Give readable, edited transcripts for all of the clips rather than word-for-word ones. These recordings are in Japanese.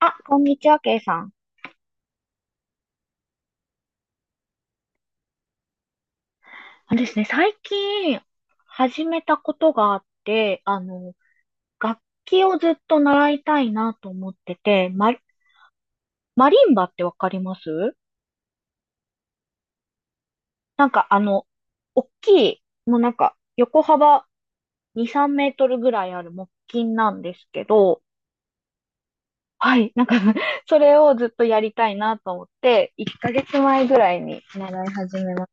あ、こんにちは、ケイさん。あのですね、最近始めたことがあって、楽器をずっと習いたいなと思ってて、マリンバってわかります？なんか大きい、もうなんか横幅2、3メートルぐらいある木琴なんですけど、はい、なんか それをずっとやりたいなと思って、1ヶ月前ぐらいに習い始めま。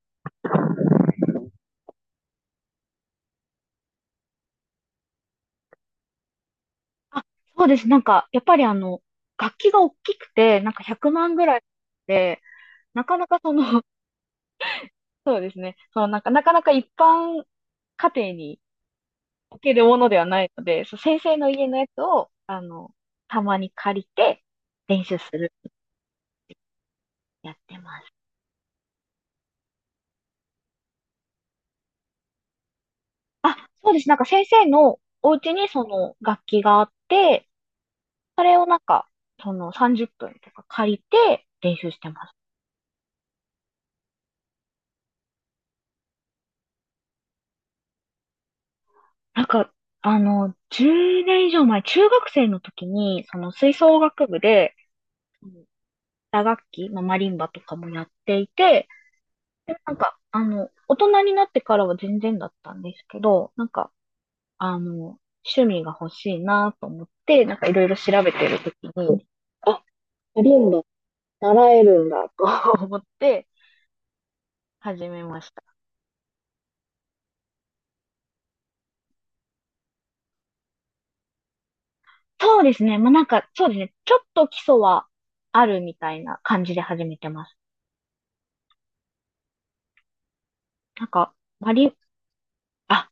あ、そうです。なんか、やっぱり楽器が大きくて、なんか100万ぐらいで、なかなかその、そうですね。そのなんか、なかなか一般家庭に置けるものではないので、そう、先生の家のやつを、たまに借りて練習するってやってます。あ、そうです。なんか先生のお家にその楽器があって、それをなんか、その30分とか借りて練習してます。なんか、10年以上前、中学生の時に、その吹奏楽部で、うん打楽器、まあ、マリンバとかもやっていて、で、なんか、大人になってからは全然だったんですけど、なんか、あの、趣味が欲しいなと思って、なんかいろいろ調べてる時に、マリンバ習えるんだと 思って始めました。そうですね。まあ、なんか、そうですね。ちょっと基礎はあるみたいな感じで始めてます。なんか、マリン、あ、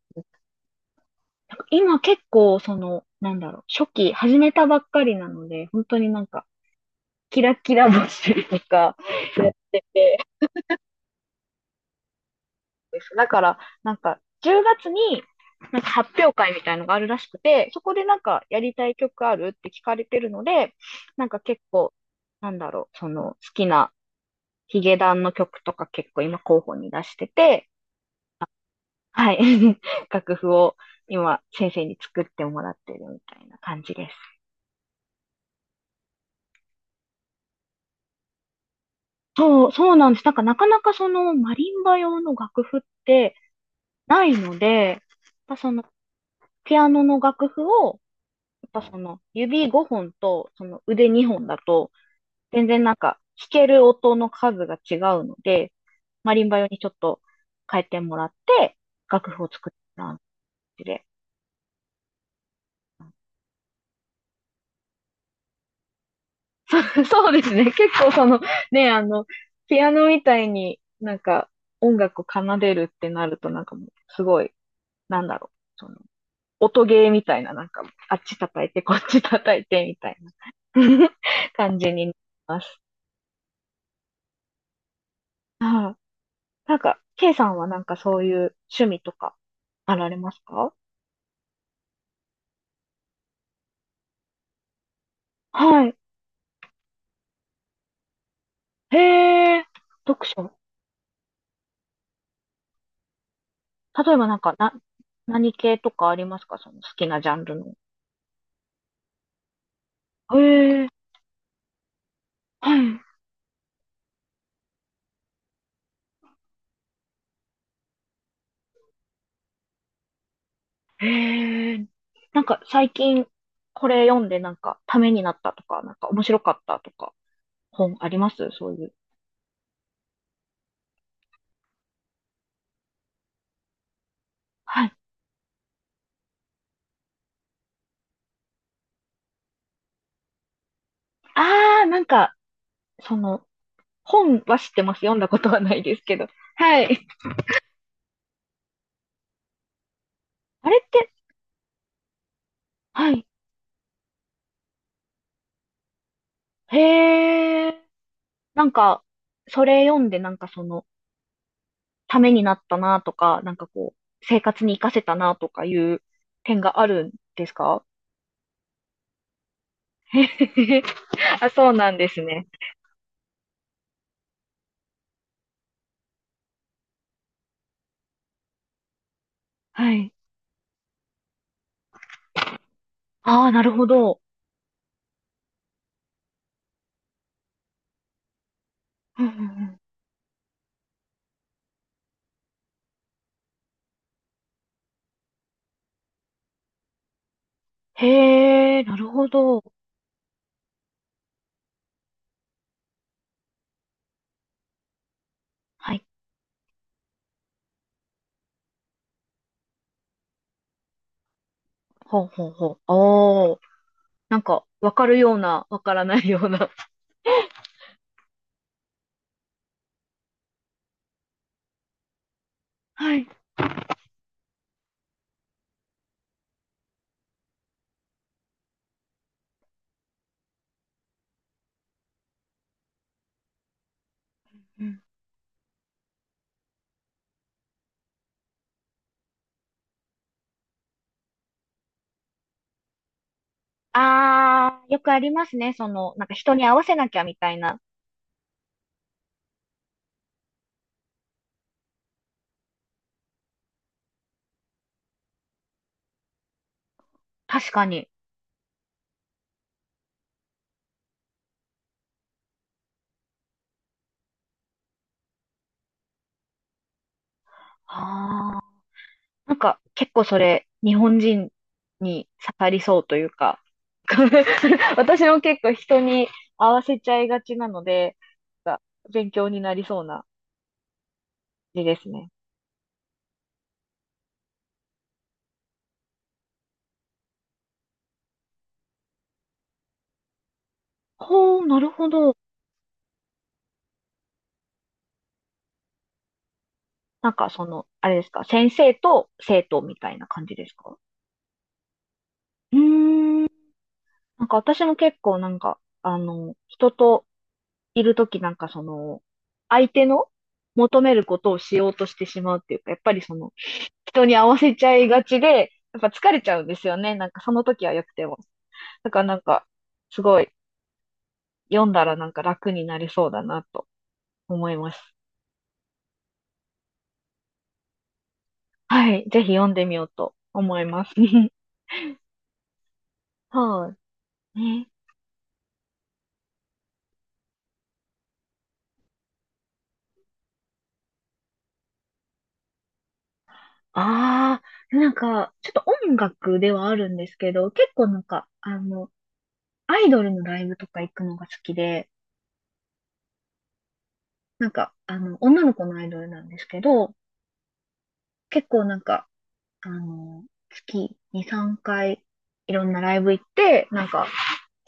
なんか今結構、その、なんだろう、初期始めたばっかりなので、本当になんか、キラキラ星とかやっててですだから、なんか、10月に、なんか発表会みたいのがあるらしくて、そこでなんかやりたい曲あるって聞かれてるので、なんか結構、なんだろう、その好きなヒゲダンの曲とか結構今候補に出してて、はい、楽譜を今先生に作ってもらってるみたいな感じです。そう、そうなんです。なんかなかなかそのマリンバ用の楽譜ってないので、やっぱそのピアノの楽譜を、やっぱその指5本とその腕2本だと、全然なんか弾ける音の数が違うので、マリンバ用にちょっと変えてもらって、楽譜を作った感じで。そうそうですね。結構その、ね、ピアノみたいになんか音楽を奏でるってなるとなんかもうすごい、なんだろう。その音ゲーみたいな、なんか、あっち叩いて、こっち叩いて、みたいな 感じになります。はい。なんか、K さんはなんかそういう趣味とか、あられますか？はい。へえ、読書。例えばなんか、何系とかありますか？その好きなジャンルの。へえ、はい。へえ、なんか最近、これ読んでなんか、ためになったとか、なんか面白かったとか、本ありますそういう？はい。ああ、なんか、その、本は知ってます。読んだことはないですけど。はい。あれって、はい。へえ。なんか、それ読んで、なんかその、ためになったなとか、なんかこう、生活に活かせたなとかいう点があるんですか？ あ、そうなんですね。はい。ああ、なるほど。うんうんうん。へえ、なるほど。はい。ほうほうほう。おー。なんか、わかるような、わからないような。はい。うん。あー、よくありますね。その、なんか人に合わせなきゃみたいな。確かに。あー。なんか結構それ、日本人に刺さりそうというか、私も結構人に合わせちゃいがちなので、なんか勉強になりそうな字ですね。ほう、なるほど。なんかその、あれですか、先生と生徒みたいな感じですか？うーん。なんか私も結構なんか、人といるときなんかその、相手の求めることをしようとしてしまうっていうか、やっぱりその、人に合わせちゃいがちで、やっぱ疲れちゃうんですよね。なんかその時は良くても。だからなんか、すごい、読んだらなんか楽になりそうだなと思います。はい。ぜひ読んでみようと思います。はいね。ああ、なんか、ちょっと音楽ではあるんですけど、結構なんか、アイドルのライブとか行くのが好きで、なんか、女の子のアイドルなんですけど、結構なんか、あの、月2、3回、いろんなライブ行って、なんか、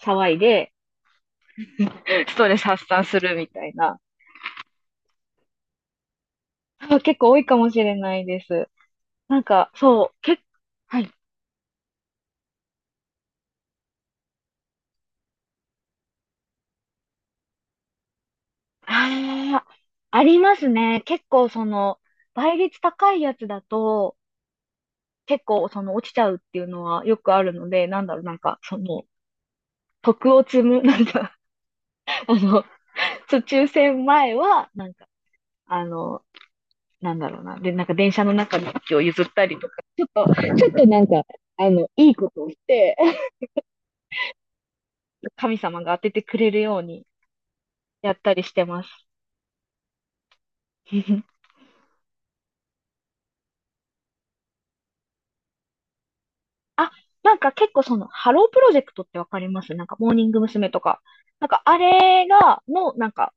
騒いで、ストレス発散するみたいな、あ結構多いかもしれないです。なんか、そう、結。はい。ああ、ありますね。結構その、倍率高いやつだと、結構その落ちちゃうっていうのはよくあるので、なんだろう、なんかその、徳を積む、なんか、あの、抽選前は、なんかあの、なんだろうな。で、なんか電車の中の席を譲ったりとか、ちょっとなんか、いいことをして、神様が当ててくれるようにやったりしてます。あ、なんか結構その、ハロープロジェクトってわかります？なんか、モーニング娘。とか。なんか、あれが、の、なんか、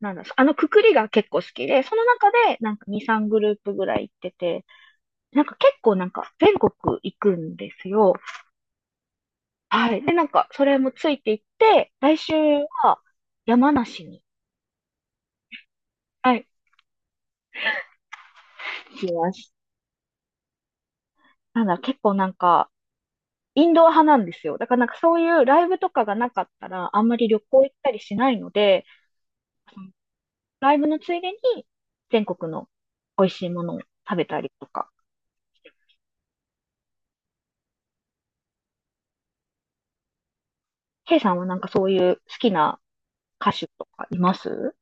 なんだ、あのくくりが結構好きで、その中で、なんか2、3グループぐらい行ってて、なんか結構なんか、全国行くんですよ。はい。で、なんか、それもついていって、来週は山梨に、はい、行きます。なんだ、結構なんか、インドア派なんですよ。だからなんかそういうライブとかがなかったら、あんまり旅行行ったりしないので、そのライブのついでに全国の美味しいものを食べたりとか。ケイさんはなんかそういう好きな歌手とかいます？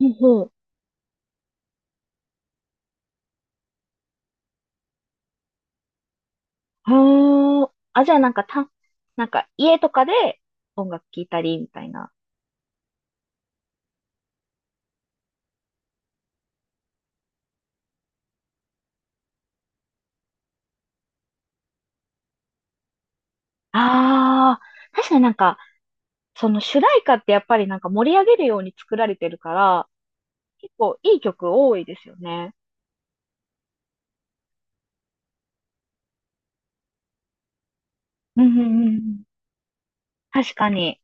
ほうほう。あーあ、じゃあなんかなんか家とかで音楽聴いたりみたいな。ああ、確かになんか、その主題歌ってやっぱりなんか盛り上げるように作られてるから、結構いい曲多いですよね。うんうんうんうん。確かに。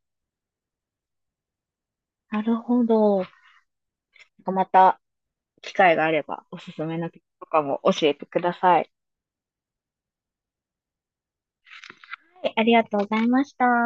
なるほど。また機会があればおすすめの曲とかも教えてください。はい、ありがとうございました。